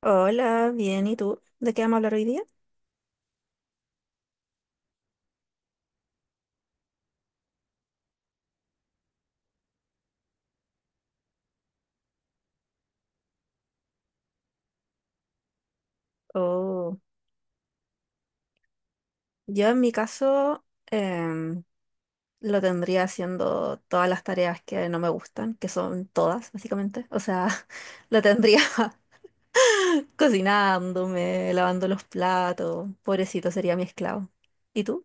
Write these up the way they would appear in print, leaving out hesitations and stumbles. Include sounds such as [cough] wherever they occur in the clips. Hola, bien, ¿y tú? ¿De qué vamos a hablar hoy día? Oh, yo en mi caso em, lo tendría haciendo todas las tareas que no me gustan, que son todas, básicamente. O sea, [laughs] lo tendría [laughs] cocinándome, lavando los platos, pobrecito, sería mi esclavo. ¿Y tú?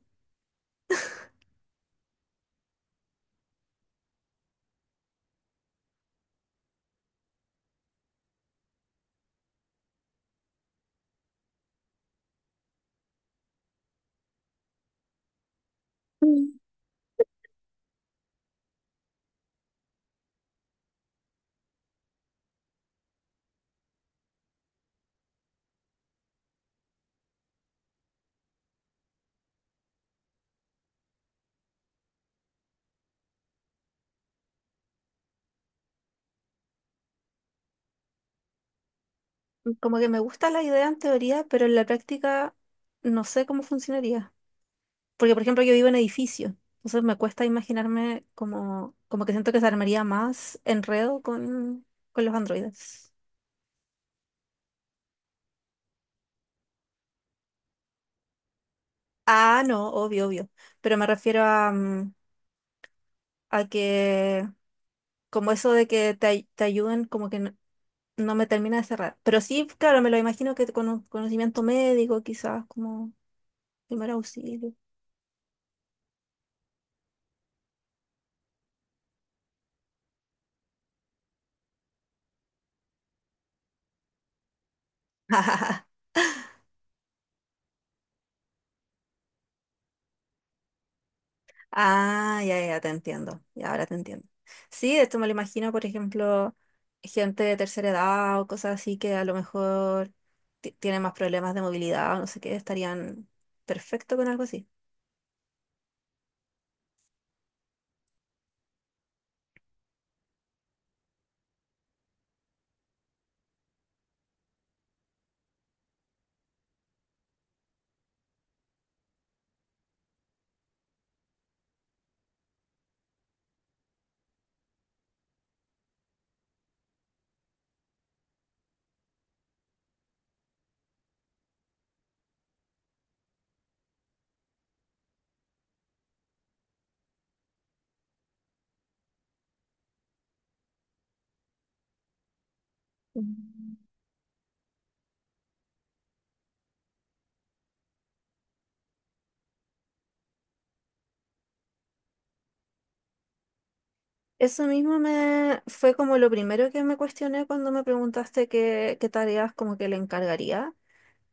Mm. Como que me gusta la idea en teoría, pero en la práctica no sé cómo funcionaría. Porque, por ejemplo, yo vivo en edificio, entonces me cuesta imaginarme como, que siento que se armaría más enredo con los androides. Ah, no, obvio, obvio. Pero me refiero a, a que, como eso de que te, te ayuden, como que no, no me termina de cerrar. Pero sí, claro, me lo imagino que con un conocimiento médico, quizás como primer auxilio. [laughs] Ah, ya, ya, te entiendo. Ya, ahora te entiendo. Sí, esto me lo imagino, por ejemplo, gente de tercera edad o cosas así que a lo mejor tienen más problemas de movilidad o no sé qué, estarían perfecto con algo así. Eso mismo me fue como lo primero que me cuestioné cuando me preguntaste qué tareas como que le encargaría.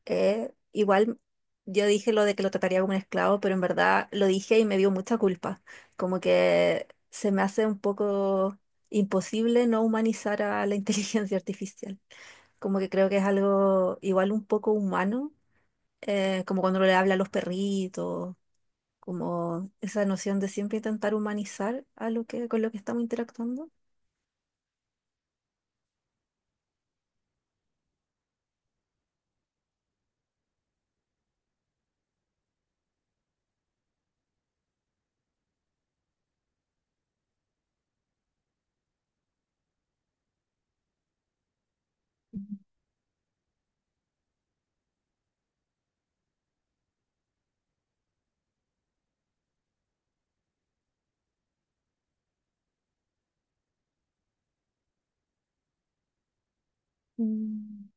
Eh, igual yo dije lo de que lo trataría como un esclavo, pero en verdad lo dije y me dio mucha culpa. Como que se me hace un poco imposible no humanizar a la [laughs] inteligencia artificial. Como que creo que es algo igual un poco humano, como cuando le habla a los perritos, como esa noción de siempre intentar humanizar a lo que, con lo que estamos interactuando. Mm.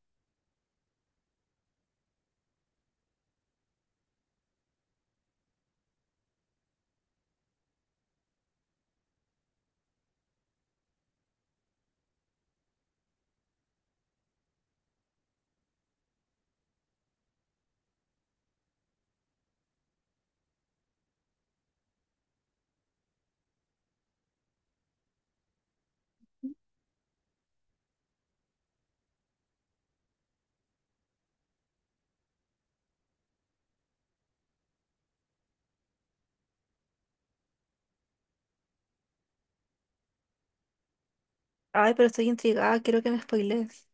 Ay, pero estoy intrigada, quiero que me spoilees.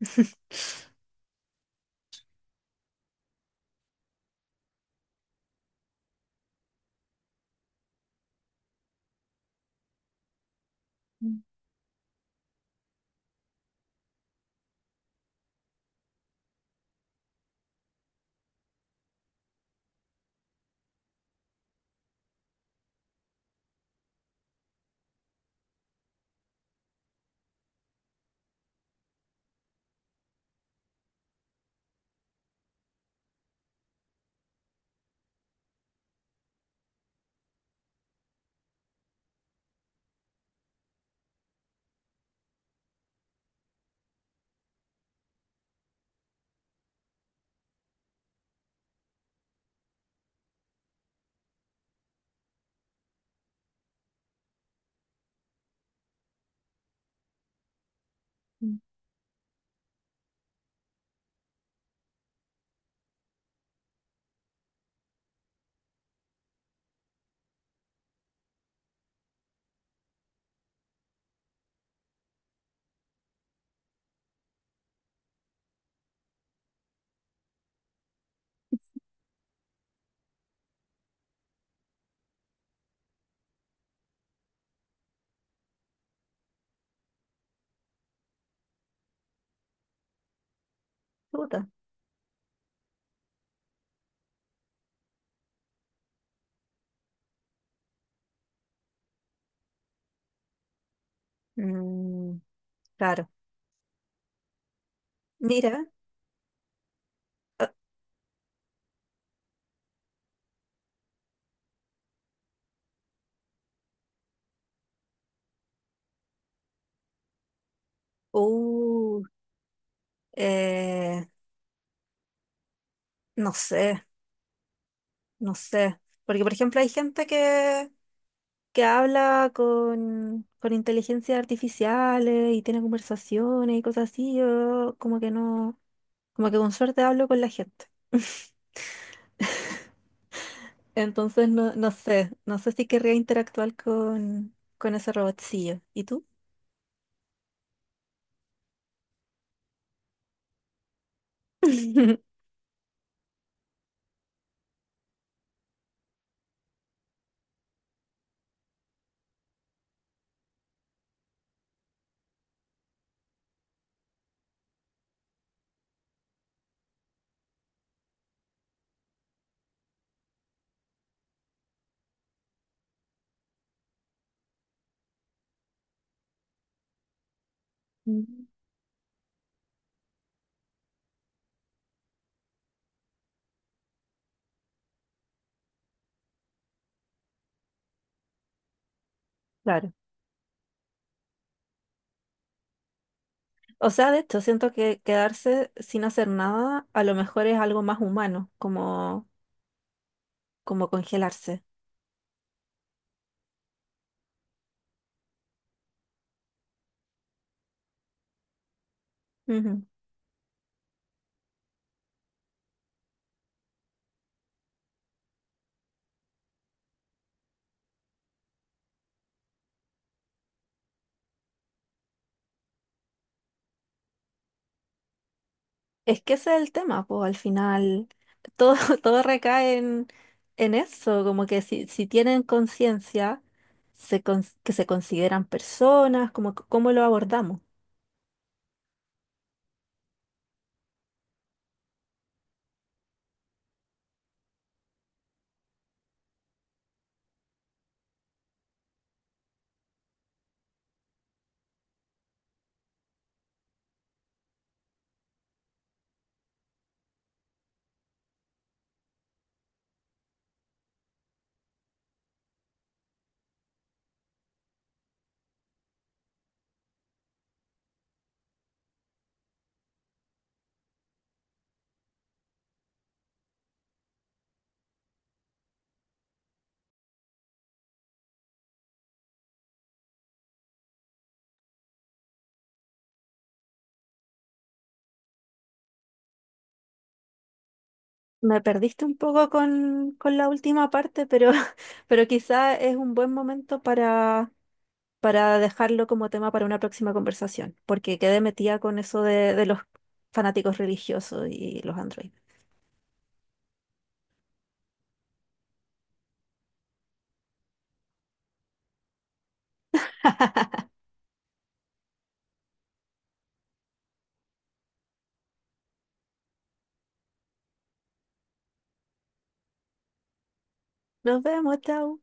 [laughs] Mm. Puta. Mm, claro. Mira. Uh, eh, no sé, no sé. Porque, por ejemplo, hay gente que habla con inteligencias artificiales y tiene conversaciones y cosas así. Yo como que no, como que con suerte hablo con la gente. [laughs] Entonces, no, no sé, no sé si querría interactuar con ese robotcillo. ¿Y tú? [laughs] Mm. Claro. O sea, de hecho, siento que quedarse sin hacer nada a lo mejor es algo más humano, como, como congelarse. Ujú. Es que ese es el tema, pues al final todo, [laughs] todo recae en eso, como que si tienen conciencia, que se consideran personas, cómo lo abordamos. Me perdiste un poco con la última parte, pero, [laughs] pero quizá es un buen momento para dejarlo como tema para una próxima conversación, porque quedé metida con eso de los fanáticos religiosos y los androides. Nos vemos, chao.